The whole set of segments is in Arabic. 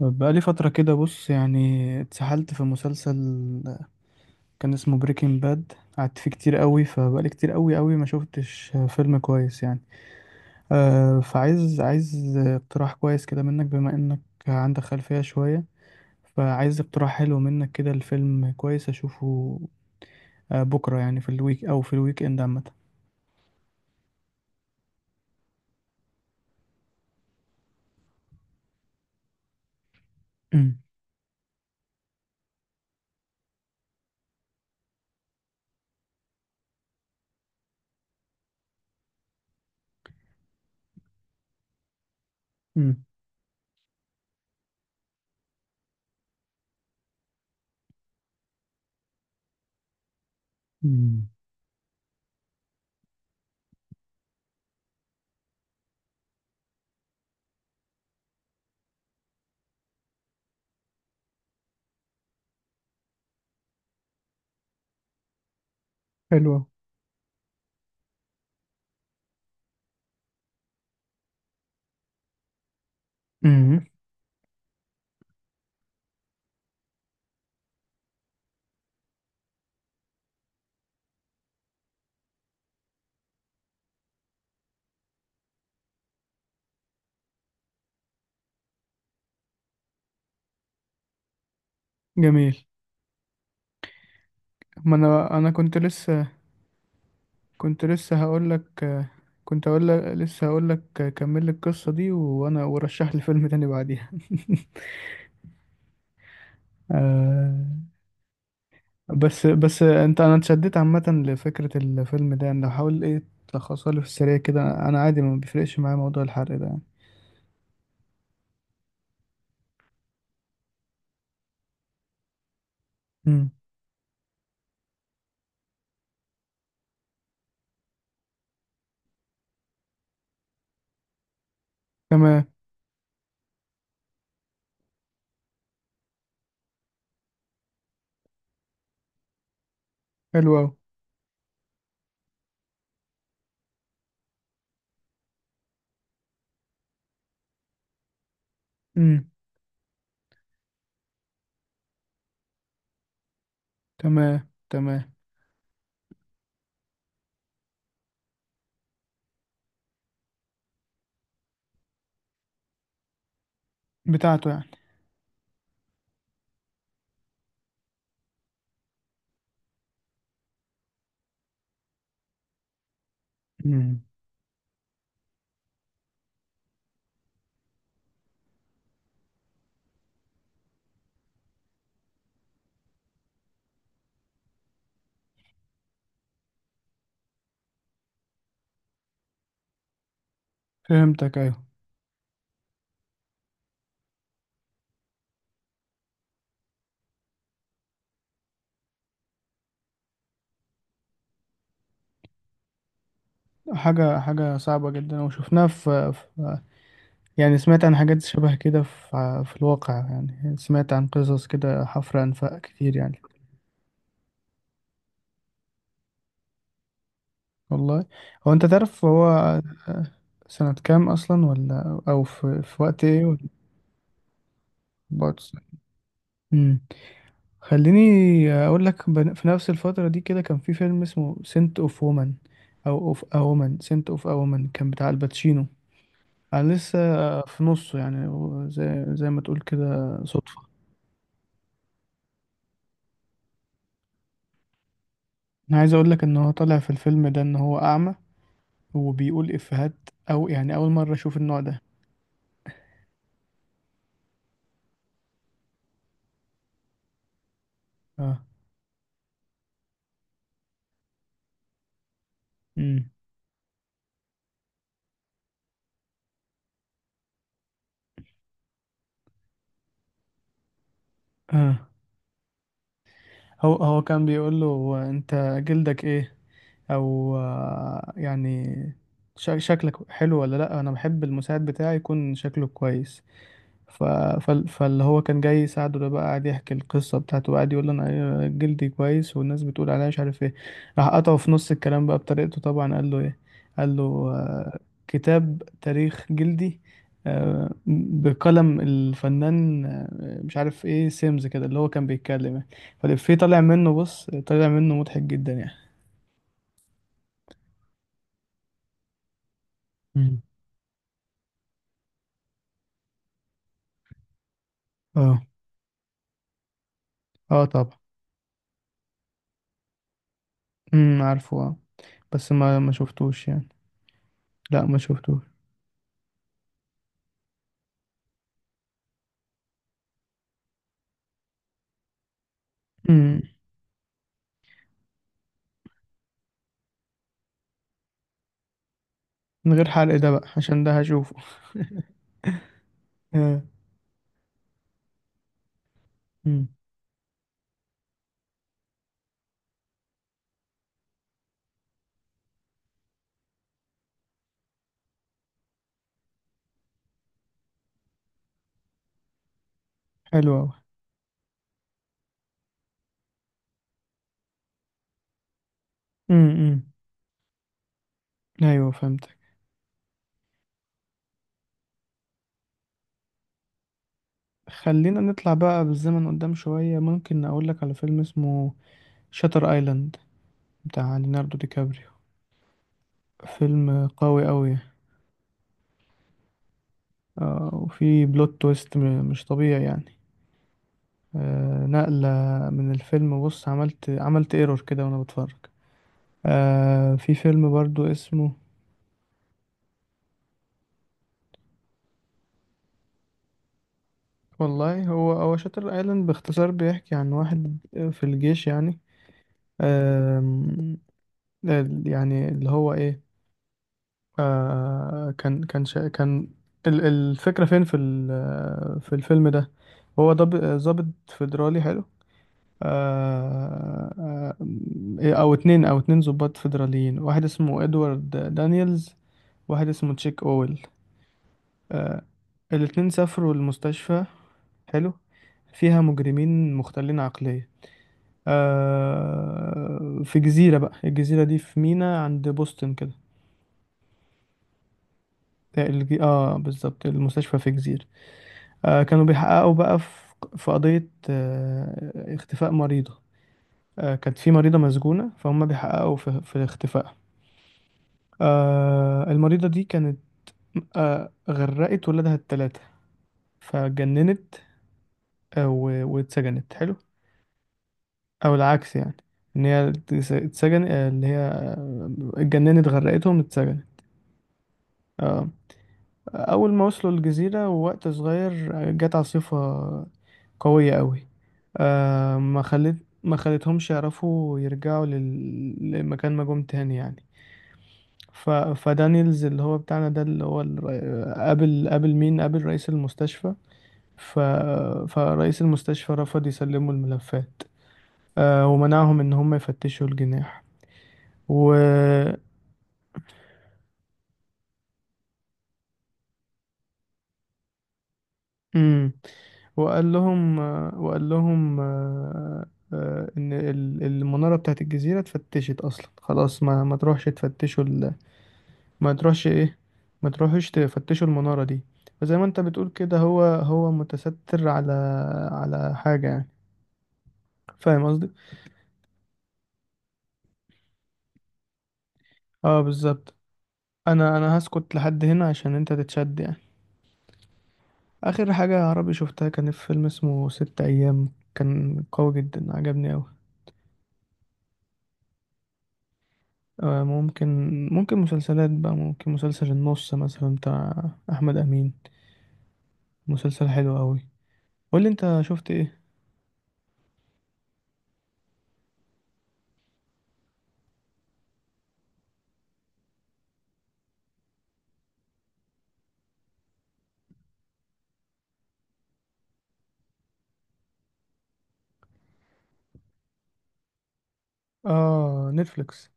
بقالي فترة كده، بص يعني اتسحلت في مسلسل كان اسمه بريكنج باد. قعدت فيه كتير قوي، فبقالي كتير قوي قوي ما شفتش فيلم كويس يعني. فعايز اقتراح كويس كده منك، بما انك عندك خلفية شوية. فعايز اقتراح حلو منك كده، الفيلم كويس اشوفه بكرة يعني في الويك او في الويك اند عامة. أمم، أمم، مم. حلوة. أمم، جميل. ما انا كنت لسه، كنت لسه هقول لك. كنت اقول لك، لسه هقول لك كمل لي القصه دي وانا ورشح لي فيلم تاني بعديها. آه. بس انا اتشددت عامه لفكره الفيلم ده يعني، لو حاول ايه، تلخصها لي في السريع كده. انا عادي ما بيفرقش معايا موضوع الحرق ده يعني. مم. تمام. حلو قوي. امم. تمام، تمام. بتاعته يعني. مم. فهمتك، ايوه. حاجه صعبه جدا، وشفناها في، يعني سمعت عن حاجات شبه كده في في الواقع. يعني سمعت عن قصص كده، حفر أنفاق كتير يعني. والله، هو أنت تعرف هو سنة كام أصلا، ولا أو في وقت إيه ولا؟ بعد سنة. مم. خليني أقول لك، في نفس الفترة دي كده كان في فيلم اسمه سنت أوف وومن. أو أوف أ وومن، سنت أوف أ وومن، كان بتاع الباتشينو. أنا لسه في نصه يعني. هو زي ما تقول كده صدفة. أنا عايز أقول لك إن هو طالع في الفيلم ده إن هو أعمى، وبيقول إفيهات، أو يعني أول مرة أشوف النوع ده. اه. امم. اه. هو كان بيقول له: أنت جلدك إيه؟ أو يعني شكلك حلو ولا لأ؟ أنا بحب المساعد بتاعي يكون شكله كويس. ف... فاللي هو كان جاي يساعده ده بقى قاعد يحكي القصة بتاعته، وقاعد يقول: انا إيه، جلدي كويس والناس بتقول عليا مش عارف ايه. راح قطعه في نص الكلام بقى بطريقته طبعا، قال له ايه، قال له آه، كتاب تاريخ جلدي بقلم الفنان مش عارف ايه سيمز كده، اللي هو كان بيتكلم يعني. فالإفيه طالع منه بص، طالع منه مضحك جدا يعني. مم. اه. اه طبعا. امم، عارفه، اه. بس ما شفتوش يعني. لا ما شفتوش. من غير حلق ده بقى، عشان ده هشوفه. آه. مم. حلو أوي. مم. مم. أيوه فهمتك. خلينا نطلع بقى بالزمن قدام شوية، ممكن أقولك على فيلم اسمه شاتر آيلاند، بتاع ليوناردو دي كابريو، فيلم قوي أوي. وفي بلوت تويست مش طبيعي يعني. نقلة من الفيلم. بص، عملت ايرور كده وأنا بتفرج. في فيلم برضو اسمه. والله هو شاتر ايلاند، باختصار بيحكي عن واحد في الجيش يعني. آم، يعني اللي هو ايه. آه، كان الفكرة فين في في الفيلم ده. هو ضابط فيدرالي حلو. آه. آه، او اتنين ضباط فيدراليين. واحد اسمه ادوارد دانييلز، واحد اسمه تشيك اويل. آه. الاتنين سافروا المستشفى. حلو. فيها مجرمين مختلين عقلية، آه في جزيرة بقى. الجزيرة دي في ميناء عند بوسطن كده. اه، بالظبط، المستشفى في جزيرة. آه، كانوا بيحققوا بقى في قضية آه اختفاء مريضة. آه، كانت في مريضة مسجونة، فهم بيحققوا في اختفائها. آه، المريضة دي كانت آه غرقت ولادها التلاتة فجننت، آه واتسجنت. حلو. أو العكس يعني، إن هي اتسجن، اللي هي اتجننت، غرقتهم، اتسجنت. آه. أول ما وصلوا الجزيرة ووقت صغير، جت عاصفة قوية أوي، ما خلت، ما خلتهمش يعرفوا يرجعوا لمكان ما جم تاني يعني. فدانيلز اللي هو بتاعنا ده، اللي هو قابل، قابل مين، قابل رئيس المستشفى. ف... فرئيس المستشفى رفض يسلموا الملفات، ومنعهم إن هم يفتشوا الجناح. و... امم. وقال لهم، وقال لهم آه، ان المناره بتاعت الجزيره اتفتشت اصلا خلاص. ما تروحش تفتشوا ما تروحش ايه، ما تروحش تفتشوا المناره دي. فزي ما انت بتقول كده، هو متستر على حاجه يعني، فاهم قصدي. اه، بالظبط. انا هسكت لحد هنا عشان انت تتشد يعني. اخر حاجه عربي شفتها كانت في فيلم اسمه ست ايام، كان قوي جدا عجبني أوي. آه، ممكن ممكن مسلسلات بقى. ممكن مسلسل النص مثلا، بتاع احمد امين، مسلسل حلو قوي. قول لي انت شفت ايه. اه، نتفليكس.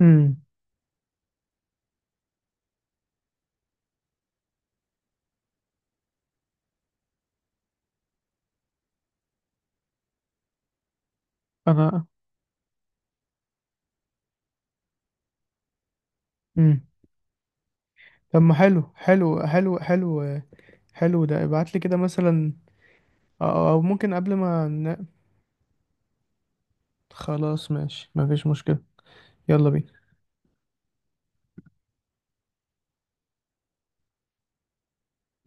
امم، انا، امم. طب ما حلو حلو حلو حلو. حلو ده، ابعت لي كده مثلا. او ممكن قبل ما خلاص، ماشي، مفيش مشكلة. يلا بينا.